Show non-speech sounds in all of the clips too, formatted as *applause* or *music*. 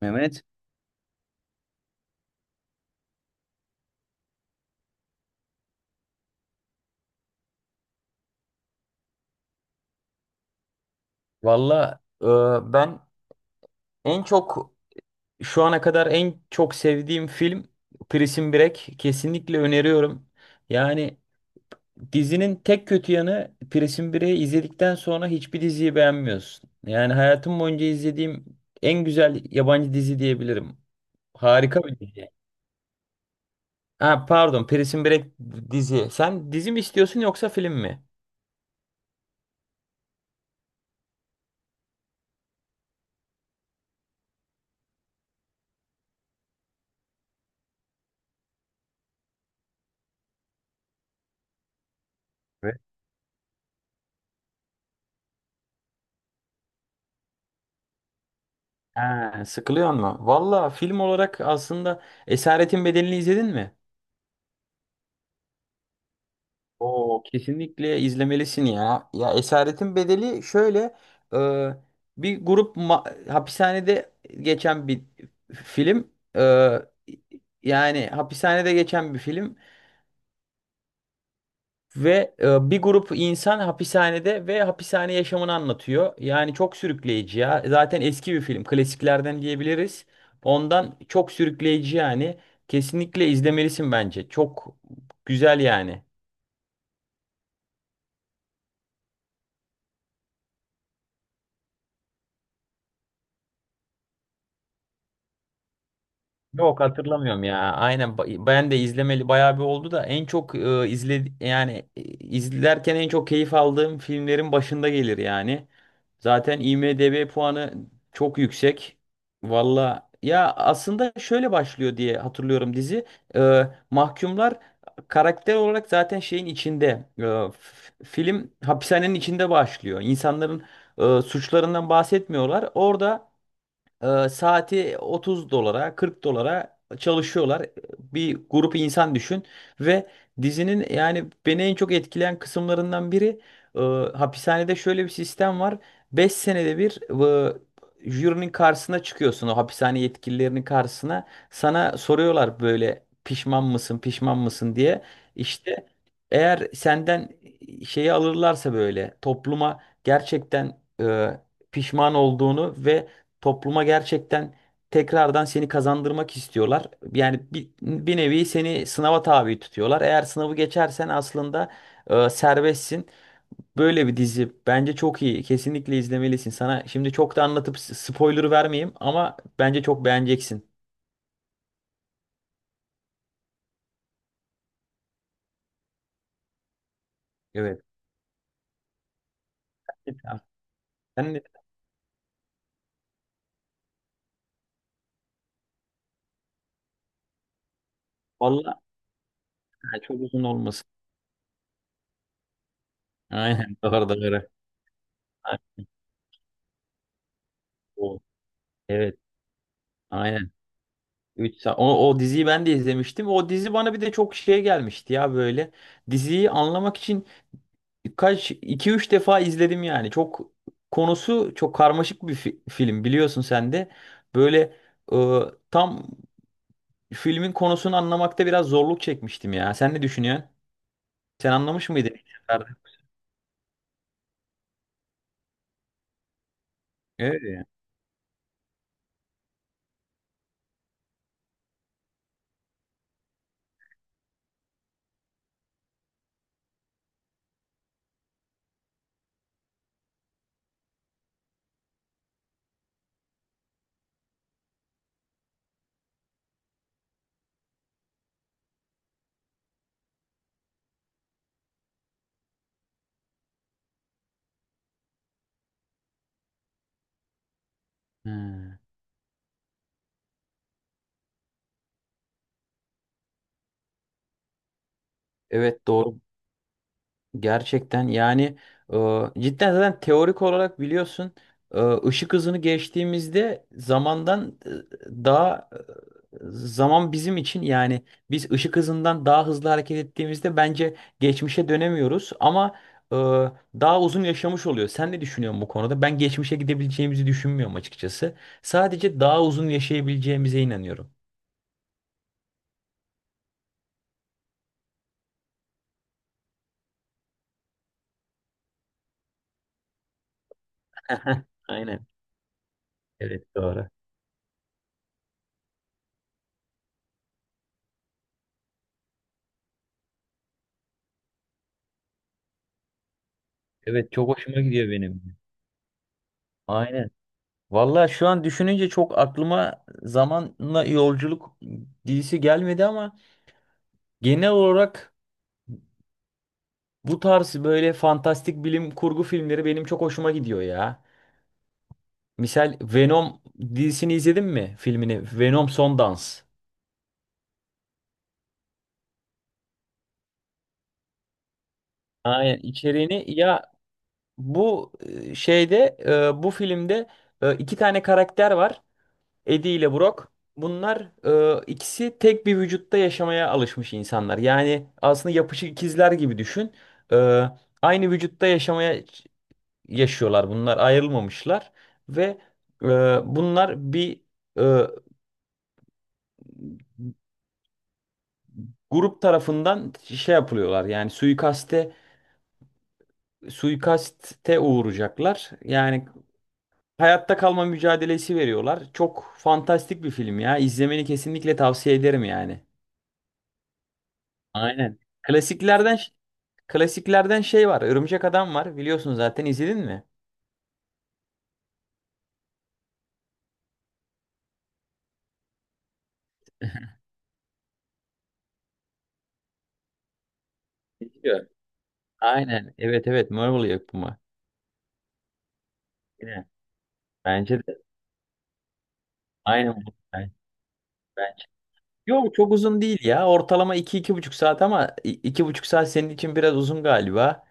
Mehmet. Valla, ben en çok şu ana kadar en çok sevdiğim film Prison Break. Kesinlikle öneriyorum. Yani dizinin tek kötü yanı Prison Break'i izledikten sonra hiçbir diziyi beğenmiyorsun. Yani hayatım boyunca izlediğim en güzel yabancı dizi diyebilirim. Harika bir dizi. Ha, pardon, Prison Break dizi. Sen dizi mi istiyorsun yoksa film mi? Evet. Ha, sıkılıyor mu? Valla film olarak aslında Esaretin Bedeli'ni izledin mi? Oo, kesinlikle izlemelisin ya. Ya Esaretin Bedeli şöyle, e, bir hapishanede geçen bir film. E, Yani hapishanede geçen bir film ve bir grup insan hapishanede ve hapishane yaşamını anlatıyor. Yani çok sürükleyici ya. Zaten eski bir film, klasiklerden diyebiliriz. Ondan çok sürükleyici yani. Kesinlikle izlemelisin bence. Çok güzel yani. Yok, hatırlamıyorum ya. Aynen, ben de izlemeli bayağı bir oldu da en çok izlerken en çok keyif aldığım filmlerin başında gelir yani. Zaten IMDb puanı çok yüksek. Valla ya aslında şöyle başlıyor diye hatırlıyorum dizi. E, Mahkumlar karakter olarak zaten şeyin içinde. E, Film hapishanenin içinde başlıyor. İnsanların suçlarından bahsetmiyorlar. Orada saati 30 dolara, 40 dolara çalışıyorlar. Bir grup insan düşün ve dizinin yani beni en çok etkileyen kısımlarından biri e, hapishanede şöyle bir sistem var. 5 senede bir, jürinin karşısına çıkıyorsun, o hapishane yetkililerinin karşısına. Sana soruyorlar böyle pişman mısın, pişman mısın diye. İşte eğer senden şeyi alırlarsa, böyle topluma gerçekten pişman olduğunu ve topluma gerçekten tekrardan seni kazandırmak istiyorlar. Yani bir nevi seni sınava tabi tutuyorlar. Eğer sınavı geçersen aslında serbestsin. Böyle bir dizi bence çok iyi. Kesinlikle izlemelisin. Sana şimdi çok da anlatıp spoiler vermeyeyim ama bence çok beğeneceksin. Evet. Sen de valla, ha, çok uzun olmasın. Aynen, *laughs* doğru, doğru. Ha, o. Evet, aynen. Üç saat. O diziyi ben de izlemiştim. O dizi bana bir de çok şey gelmişti ya böyle. Diziyi anlamak için kaç iki üç defa izledim yani. Çok, konusu çok karmaşık bir film, biliyorsun sen de. Böyle, e, tam filmin konusunu anlamakta biraz zorluk çekmiştim ya. Sen ne düşünüyorsun? Sen anlamış mıydın ilk seferde? Öyle ya. Ha. Evet, doğru. Gerçekten yani, e, cidden zaten teorik olarak biliyorsun, e, ışık hızını geçtiğimizde zamandan e, daha e, zaman bizim için yani biz ışık hızından daha hızlı hareket ettiğimizde bence geçmişe dönemiyoruz ama e, daha uzun yaşamış oluyor. Sen ne düşünüyorsun bu konuda? Ben geçmişe gidebileceğimizi düşünmüyorum açıkçası. Sadece daha uzun yaşayabileceğimize inanıyorum. *laughs* Aynen. Evet, doğru. Evet, çok hoşuma gidiyor benim. Aynen. Valla şu an düşününce çok aklıma zamanla yolculuk dizisi gelmedi ama genel olarak bu tarz böyle fantastik bilim kurgu filmleri benim çok hoşuma gidiyor ya. Misal Venom dizisini izledin mi? Filmini, Venom Son Dans. Aynen, içeriğini ya, bu e, şeyde bu filmde iki tane karakter var. Eddie ile Brock, bunlar, ikisi tek bir vücutta yaşamaya alışmış insanlar. Yani aslında yapışık ikizler gibi düşün. E, Aynı vücutta yaşıyorlar. Bunlar ayrılmamışlar ve e, bunlar bir e, grup tarafından şey yapılıyorlar. Yani suikaste uğrayacaklar. Yani hayatta kalma mücadelesi veriyorlar. Çok fantastik bir film ya. İzlemeni kesinlikle tavsiye ederim yani. Aynen. Klasiklerden şey var. Örümcek Adam var. Biliyorsun, zaten izledin mi? Biliyor. Aynen. Evet, evet. Marvel yapımı. Yine. Bence de. Aynen. Ben- ben- Yok, çok uzun değil ya. Ortalama iki iki buçuk saat ama iki buçuk saat senin için biraz uzun galiba.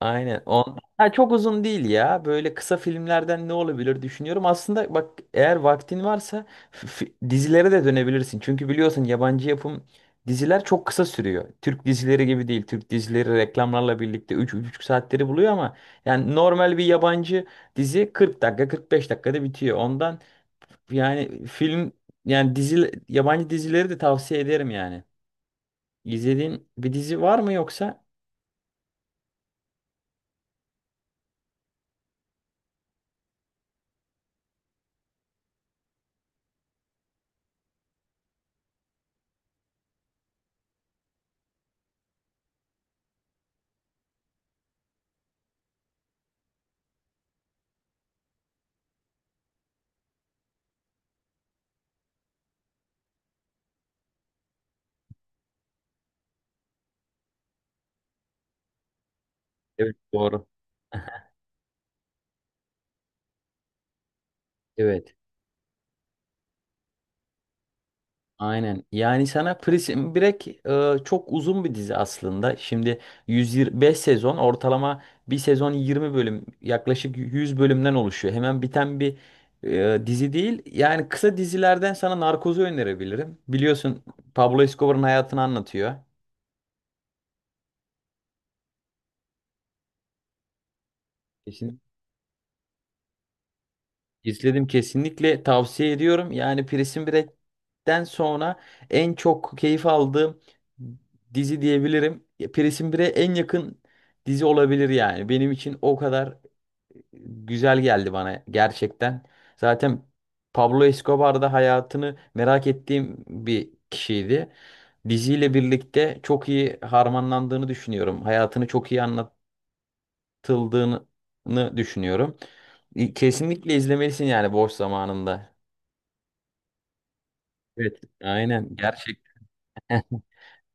Aynen. On... Ha, çok uzun değil ya. Böyle kısa filmlerden ne olabilir düşünüyorum. Aslında bak, eğer vaktin varsa dizilere de dönebilirsin. Çünkü biliyorsun yabancı yapım diziler çok kısa sürüyor. Türk dizileri gibi değil. Türk dizileri reklamlarla birlikte üç üç buçuk saatleri buluyor ama yani normal bir yabancı dizi 40 dakika 45 dakikada bitiyor. Ondan yani film yani dizi, yabancı dizileri de tavsiye ederim yani. İzlediğin bir dizi var mı yoksa? Evet, doğru. Evet. Aynen. Yani sana Prison Break, çok uzun bir dizi aslında. Şimdi 125 sezon ortalama, bir sezon 20 bölüm, yaklaşık 100 bölümden oluşuyor. Hemen biten bir dizi değil. Yani kısa dizilerden sana Narkoz'u önerebilirim. Biliyorsun, Pablo Escobar'ın hayatını anlatıyor. Kesin. İzledim, kesinlikle tavsiye ediyorum. Yani Prison Break'ten sonra en çok keyif aldığım dizi diyebilirim. Prison Break'e en yakın dizi olabilir yani. Benim için o kadar güzel geldi bana gerçekten. Zaten Pablo Escobar da hayatını merak ettiğim bir kişiydi. Diziyle birlikte çok iyi harmanlandığını düşünüyorum. Hayatını çok iyi anlat, abartıldığını düşünüyorum. Kesinlikle izlemelisin yani boş zamanında. Evet, aynen gerçekten. *laughs*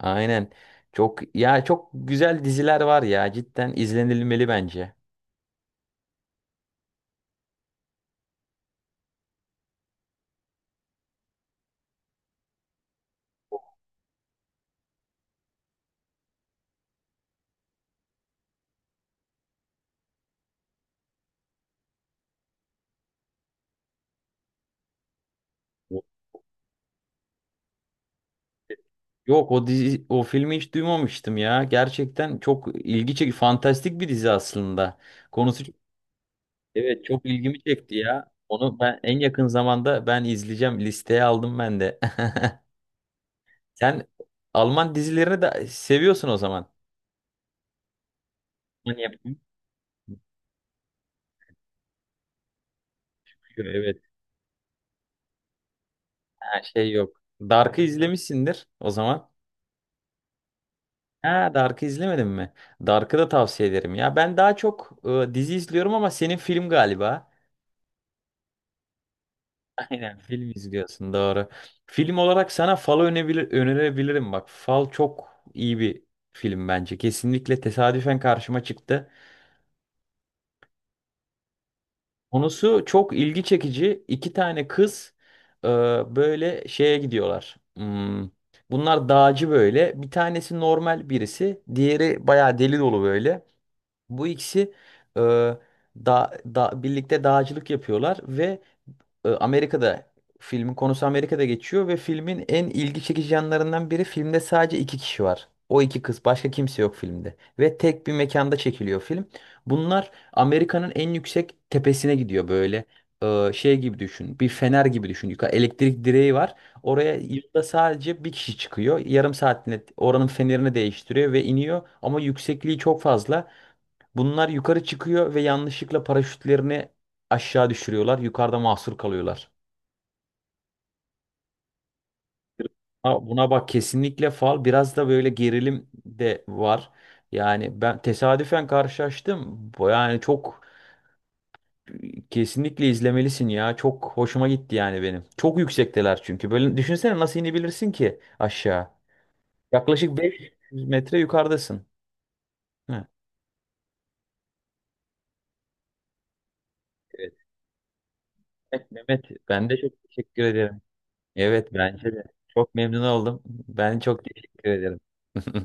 Aynen. Çok ya çok güzel diziler var ya, cidden izlenilmeli bence. Yok, o dizi o filmi hiç duymamıştım ya. Gerçekten çok ilgi çekici fantastik bir dizi aslında. Konusu, evet, çok ilgimi çekti ya. Onu ben en yakın zamanda ben izleyeceğim. Listeye aldım ben de. *laughs* Sen Alman dizilerini de seviyorsun o zaman. Hani yapım- Evet. Ha, şey, yok. Dark'ı izlemişsindir o zaman. Ha, Dark'ı izlemedin mi? Dark'ı da tavsiye ederim ya. Ben daha çok dizi izliyorum ama senin film galiba. *laughs* Aynen, film izliyorsun, doğru. Film olarak sana Fal'ı önerebilirim bak. Fal çok iyi bir film bence. Kesinlikle tesadüfen karşıma çıktı. Konusu çok ilgi çekici. İki tane kız, e, böyle şeye gidiyorlar. Bunlar dağcı böyle. Bir tanesi normal birisi. Diğeri bayağı deli dolu böyle. Bu ikisi, e, birlikte dağcılık yapıyorlar ve e, Amerika'da filmin konusu Amerika'da geçiyor ve filmin en ilgi çekici yanlarından biri, filmde sadece iki kişi var. O iki kız, başka kimse yok filmde ve tek bir mekanda çekiliyor film. Bunlar Amerika'nın en yüksek tepesine gidiyor böyle, şey gibi düşün, bir fener gibi düşün, yukarı elektrik direği var, oraya yılda sadece bir kişi çıkıyor, yarım saatinde oranın fenerini değiştiriyor ve iniyor ama yüksekliği çok fazla, bunlar yukarı çıkıyor ve yanlışlıkla paraşütlerini aşağı düşürüyorlar, yukarıda mahsur kalıyorlar. Ha, buna bak kesinlikle, Fal biraz da böyle gerilim de var. Yani ben tesadüfen karşılaştım. Bu, yani çok, kesinlikle izlemelisin ya. Çok hoşuma gitti yani benim. Çok yüksekteler çünkü. Böyle düşünsene, nasıl inebilirsin ki aşağı? Yaklaşık 500 metre yukarıdasın. Hı. Evet. Evet, Mehmet, ben de çok teşekkür ederim. Evet, bence de. Çok memnun oldum. Ben çok teşekkür ederim. *laughs*